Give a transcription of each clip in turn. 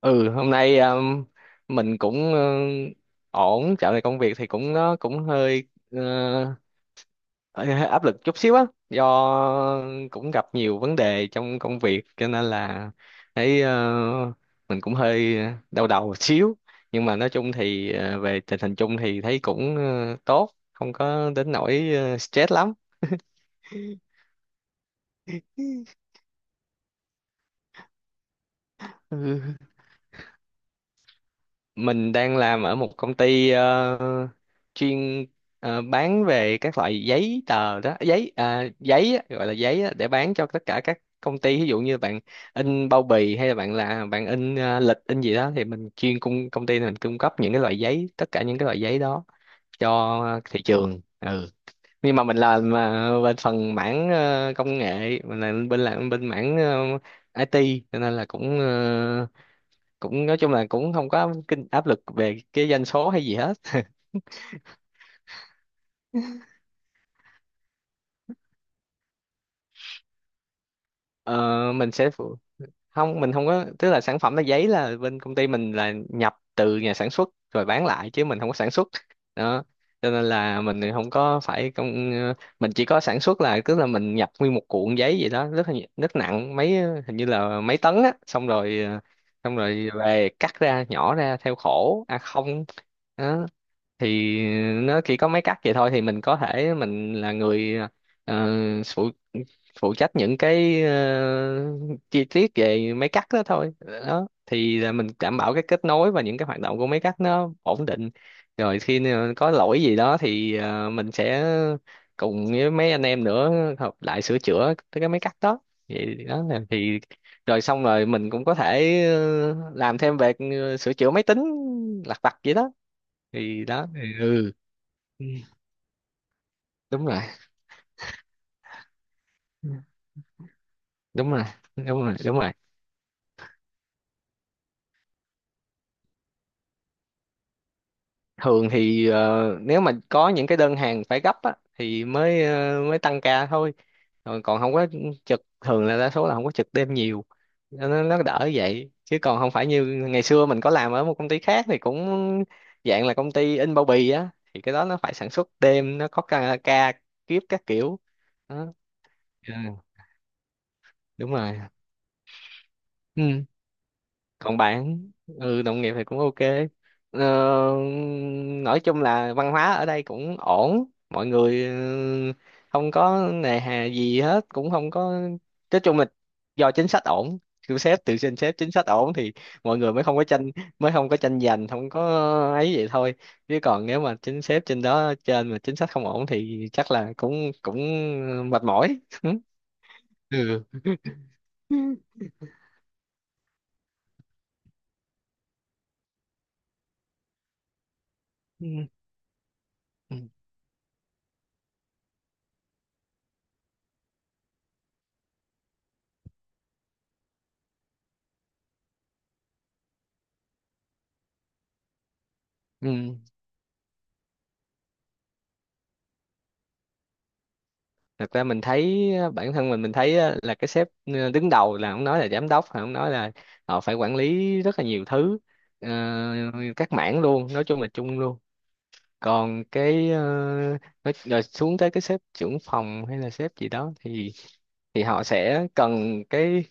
Ừ, hôm nay mình cũng ổn. Dạo này công việc thì cũng, nó cũng hơi hơi áp lực chút xíu á, do cũng gặp nhiều vấn đề trong công việc cho nên là thấy mình cũng hơi đau đầu một xíu. Nhưng mà nói chung thì về tình hình chung thì thấy cũng tốt, không có đến nỗi stress lắm. Ừ. Mình đang làm ở một công ty chuyên bán về các loại giấy tờ đó, giấy à, giấy á, gọi là giấy á, để bán cho tất cả các công ty, ví dụ như bạn in bao bì, hay là bạn in lịch in gì đó, thì mình chuyên cung công ty mình cung cấp những cái loại giấy tất cả những cái loại giấy đó cho thị trường, nhưng mà mình làm mà bên phần mảng công nghệ, mình làm bên mảng IT, cho nên là cũng cũng nói chung là cũng không có kinh áp lực về cái doanh số hay gì hết. ờ, mình sẽ phụ- Không, mình không có, tức là sản phẩm là giấy, là bên công ty mình là nhập từ nhà sản xuất rồi bán lại chứ mình không có sản xuất đó, cho nên là mình thì không có phải mình chỉ có sản xuất là, tức là mình nhập nguyên một cuộn giấy vậy đó, rất nặng, mấy hình như là mấy tấn á, xong rồi về cắt ra nhỏ ra theo khổ A0 đó. Thì nó chỉ có mấy cách vậy thôi, thì mình có thể mình là người ờ, phụ phụ trách những cái chi tiết về mấy cách đó thôi, đó thì là mình đảm bảo cái kết nối và những cái hoạt động của mấy cách nó ổn định. Rồi khi nào có lỗi gì đó thì mình sẽ cùng với mấy anh em nữa hợp lại sửa chữa cái mấy cách đó, vậy đó là thì rồi xong rồi mình cũng có thể làm thêm về sửa chữa máy tính lặt vặt vậy đó, thì đó thì ừ. Ừ, đúng rồi. Ừ. Đúng rồi, đúng rồi, đúng rồi. Thường thì nếu mà có những cái đơn hàng phải gấp á, thì mới ờ, mới tăng ca thôi, còn còn không có trực, thường là đa số là không có trực đêm nhiều, nó đỡ vậy chứ còn không phải như ngày xưa mình có làm ở một công ty khác, thì cũng dạng là công ty in bao bì á, thì cái đó nó phải sản xuất đêm, nó có ca kiếp các kiểu đó. Ừ, đúng rồi, ừ, còn bạn? Ừ, đồng nghiệp thì cũng ok. ờ, nói chung là văn hóa ở đây cũng ổn, mọi người không có nề hà gì hết, cũng không có, nói chung là do chính sách ổn, từ sếp, từ trên sếp chính sách ổn thì mọi người mới không có tranh, mới không có tranh giành, không có ấy vậy thôi. Chứ còn nếu mà chính sếp trên đó, trên mà chính sách không ổn thì chắc là cũng cũng mệt mỏi ừ. Ừ. Ừ, ừ. Thật ra mình thấy á, bản thân mình thấy á, là cái sếp đứng đầu, là ông nói là giám đốc, ông nói là họ phải quản lý rất là nhiều thứ, ờ, các mảng luôn, nói chung là chung luôn. Còn cái rồi xuống tới cái sếp trưởng phòng hay là sếp gì đó thì họ sẽ cần cái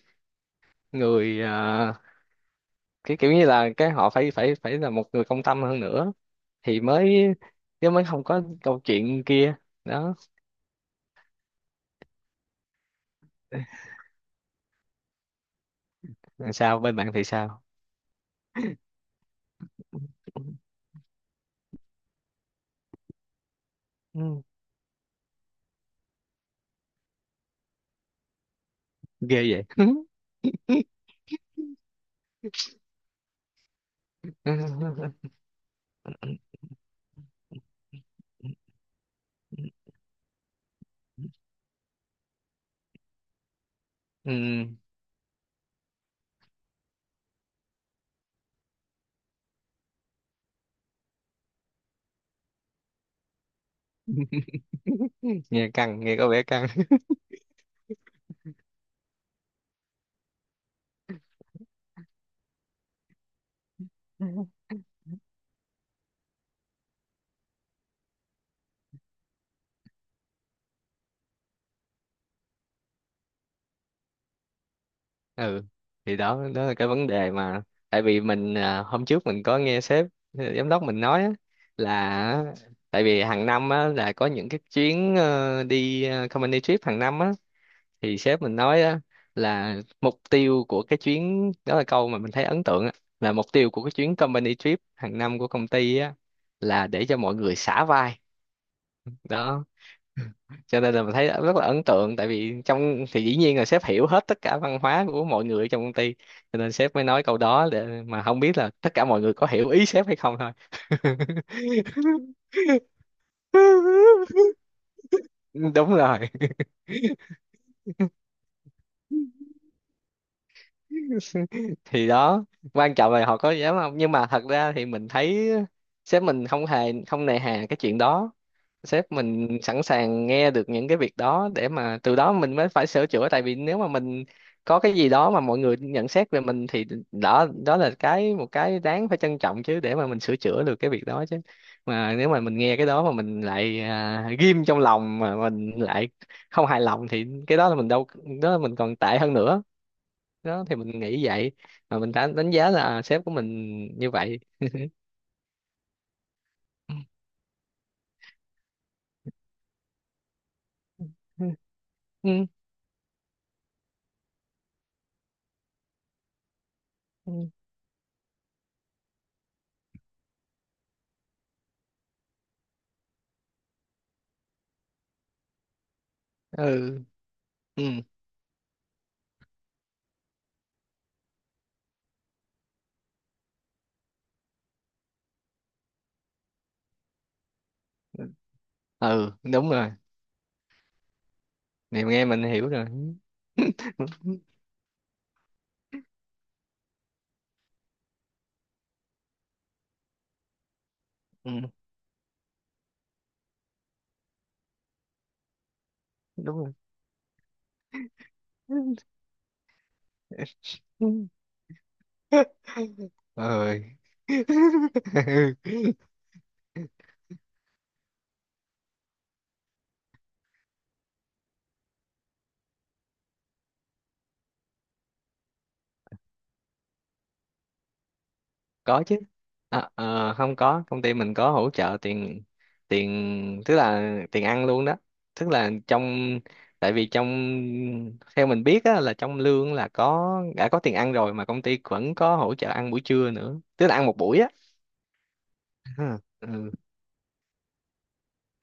người cái kiểu như là cái, họ phải phải phải là một người công tâm hơn nữa thì mới, chứ mới không có câu chuyện kia đó. Sao bên bạn thì sao? Ừ, ghê vậy Ừ, nghe có vẻ căng. Ừ, thì đó, đó là cái vấn đề mà. Tại vì mình à, hôm trước mình có nghe sếp à, giám đốc mình nói á, là tại vì hàng năm á, là có những cái chuyến đi company trip hàng năm á, thì sếp mình nói á, là mục tiêu của cái chuyến đó, là câu mà mình thấy ấn tượng á, là mục tiêu của cái chuyến company trip hàng năm của công ty á, là để cho mọi người xả vai đó. Cho nên là mình thấy rất là ấn tượng, tại vì trong thì dĩ nhiên là sếp hiểu hết tất cả văn hóa của mọi người trong công ty, cho nên sếp mới nói câu đó, để mà không biết là tất cả mọi người có hiểu ý sếp hay không thôi. Đúng rồi, thì đó. Quan trọng là họ có dám không, nhưng mà thật ra thì mình thấy sếp mình không hề, không nề hà cái chuyện đó. Sếp mình sẵn sàng nghe được những cái việc đó để mà từ đó mình mới phải sửa chữa, tại vì nếu mà mình có cái gì đó mà mọi người nhận xét về mình thì đó, đó là một cái đáng phải trân trọng, chứ để mà mình sửa chữa được cái việc đó chứ. Mà nếu mà mình nghe cái đó mà mình lại à, ghim trong lòng mà mình lại không hài lòng thì cái đó là mình đâu, đó là mình còn tệ hơn nữa, đó thì mình nghĩ vậy, mà mình đã đánh giá là sếp của mình như vậy. Ừ. Ừ. Ừ. Ừ. Ừ, đúng rồi. Này nghe mình hiểu rồi. Ừ, đúng rồi. Ơi. Có chứ. À, không có, công ty mình có hỗ trợ tiền, tức là tiền ăn luôn đó. Tức là trong Tại vì trong, theo mình biết á, là trong lương là đã có tiền ăn rồi mà công ty vẫn có hỗ trợ ăn buổi trưa nữa. Tức là ăn một buổi á. Ha, ừ.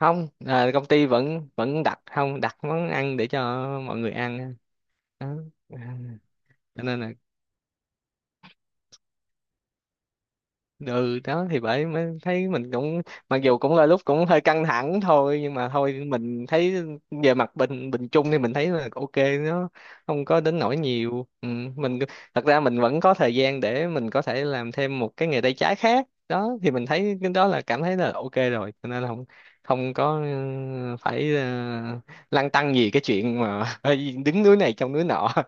Không, à, công ty vẫn vẫn đặt, không đặt món ăn để cho mọi người ăn đó. À, cho nên là ừ đó thì bởi mới thấy mình cũng, mặc dù cũng là lúc cũng hơi căng thẳng thôi, nhưng mà thôi mình thấy về mặt bình bình chung thì mình thấy là ok, nó không có đến nỗi nhiều, ừ, mình thật ra mình vẫn có thời gian để mình có thể làm thêm một cái nghề tay trái khác. Đó thì mình thấy cái đó là, cảm thấy là ok rồi, cho nên là không không có, phải lăn tăn gì cái chuyện mà đứng núi này trông núi nọ.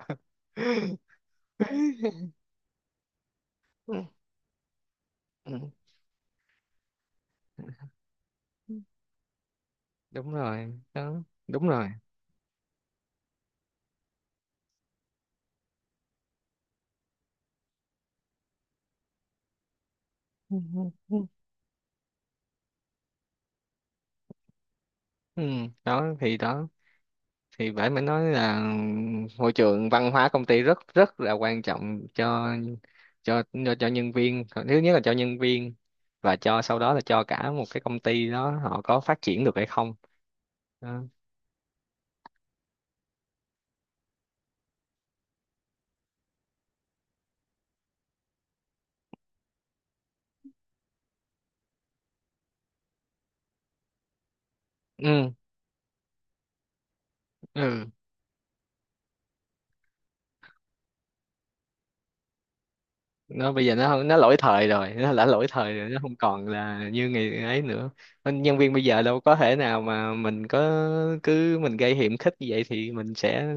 Ừ, đúng rồi đó, đúng rồi, ừ. Đó thì phải mới nói là, môi trường văn hóa công ty rất rất là quan trọng, cho nhân viên, thứ nhất là cho nhân viên và cho sau đó là cho cả một cái công ty đó họ có phát triển được hay không đó. Ừ. Ừ. Nó bây giờ nó không, nó lỗi thời rồi, nó đã lỗi thời rồi, nó không còn là như ngày ấy nữa. Nên nhân viên bây giờ đâu có thể nào mà mình có cứ mình gây hiểm khích như vậy thì mình sẽ,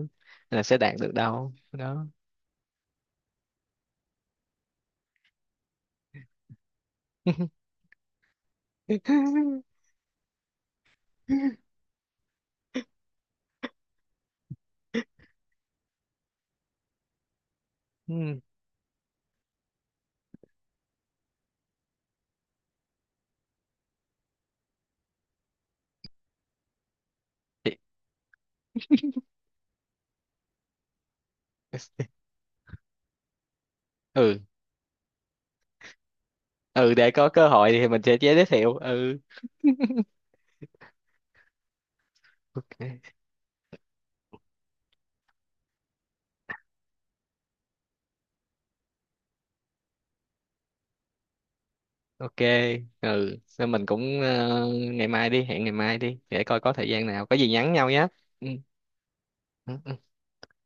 là sẽ đạt được đâu đó. Ừ. Thì- ừ. Ừ, để có cơ hội thì mình sẽ giới thiệu. Ừ, ok. Ok. Ừ. Nên mình cũng ngày mai đi, hẹn ngày mai đi để coi có thời gian nào, có gì nhắn nhau nhé. Ừ. Ừ. Ừ.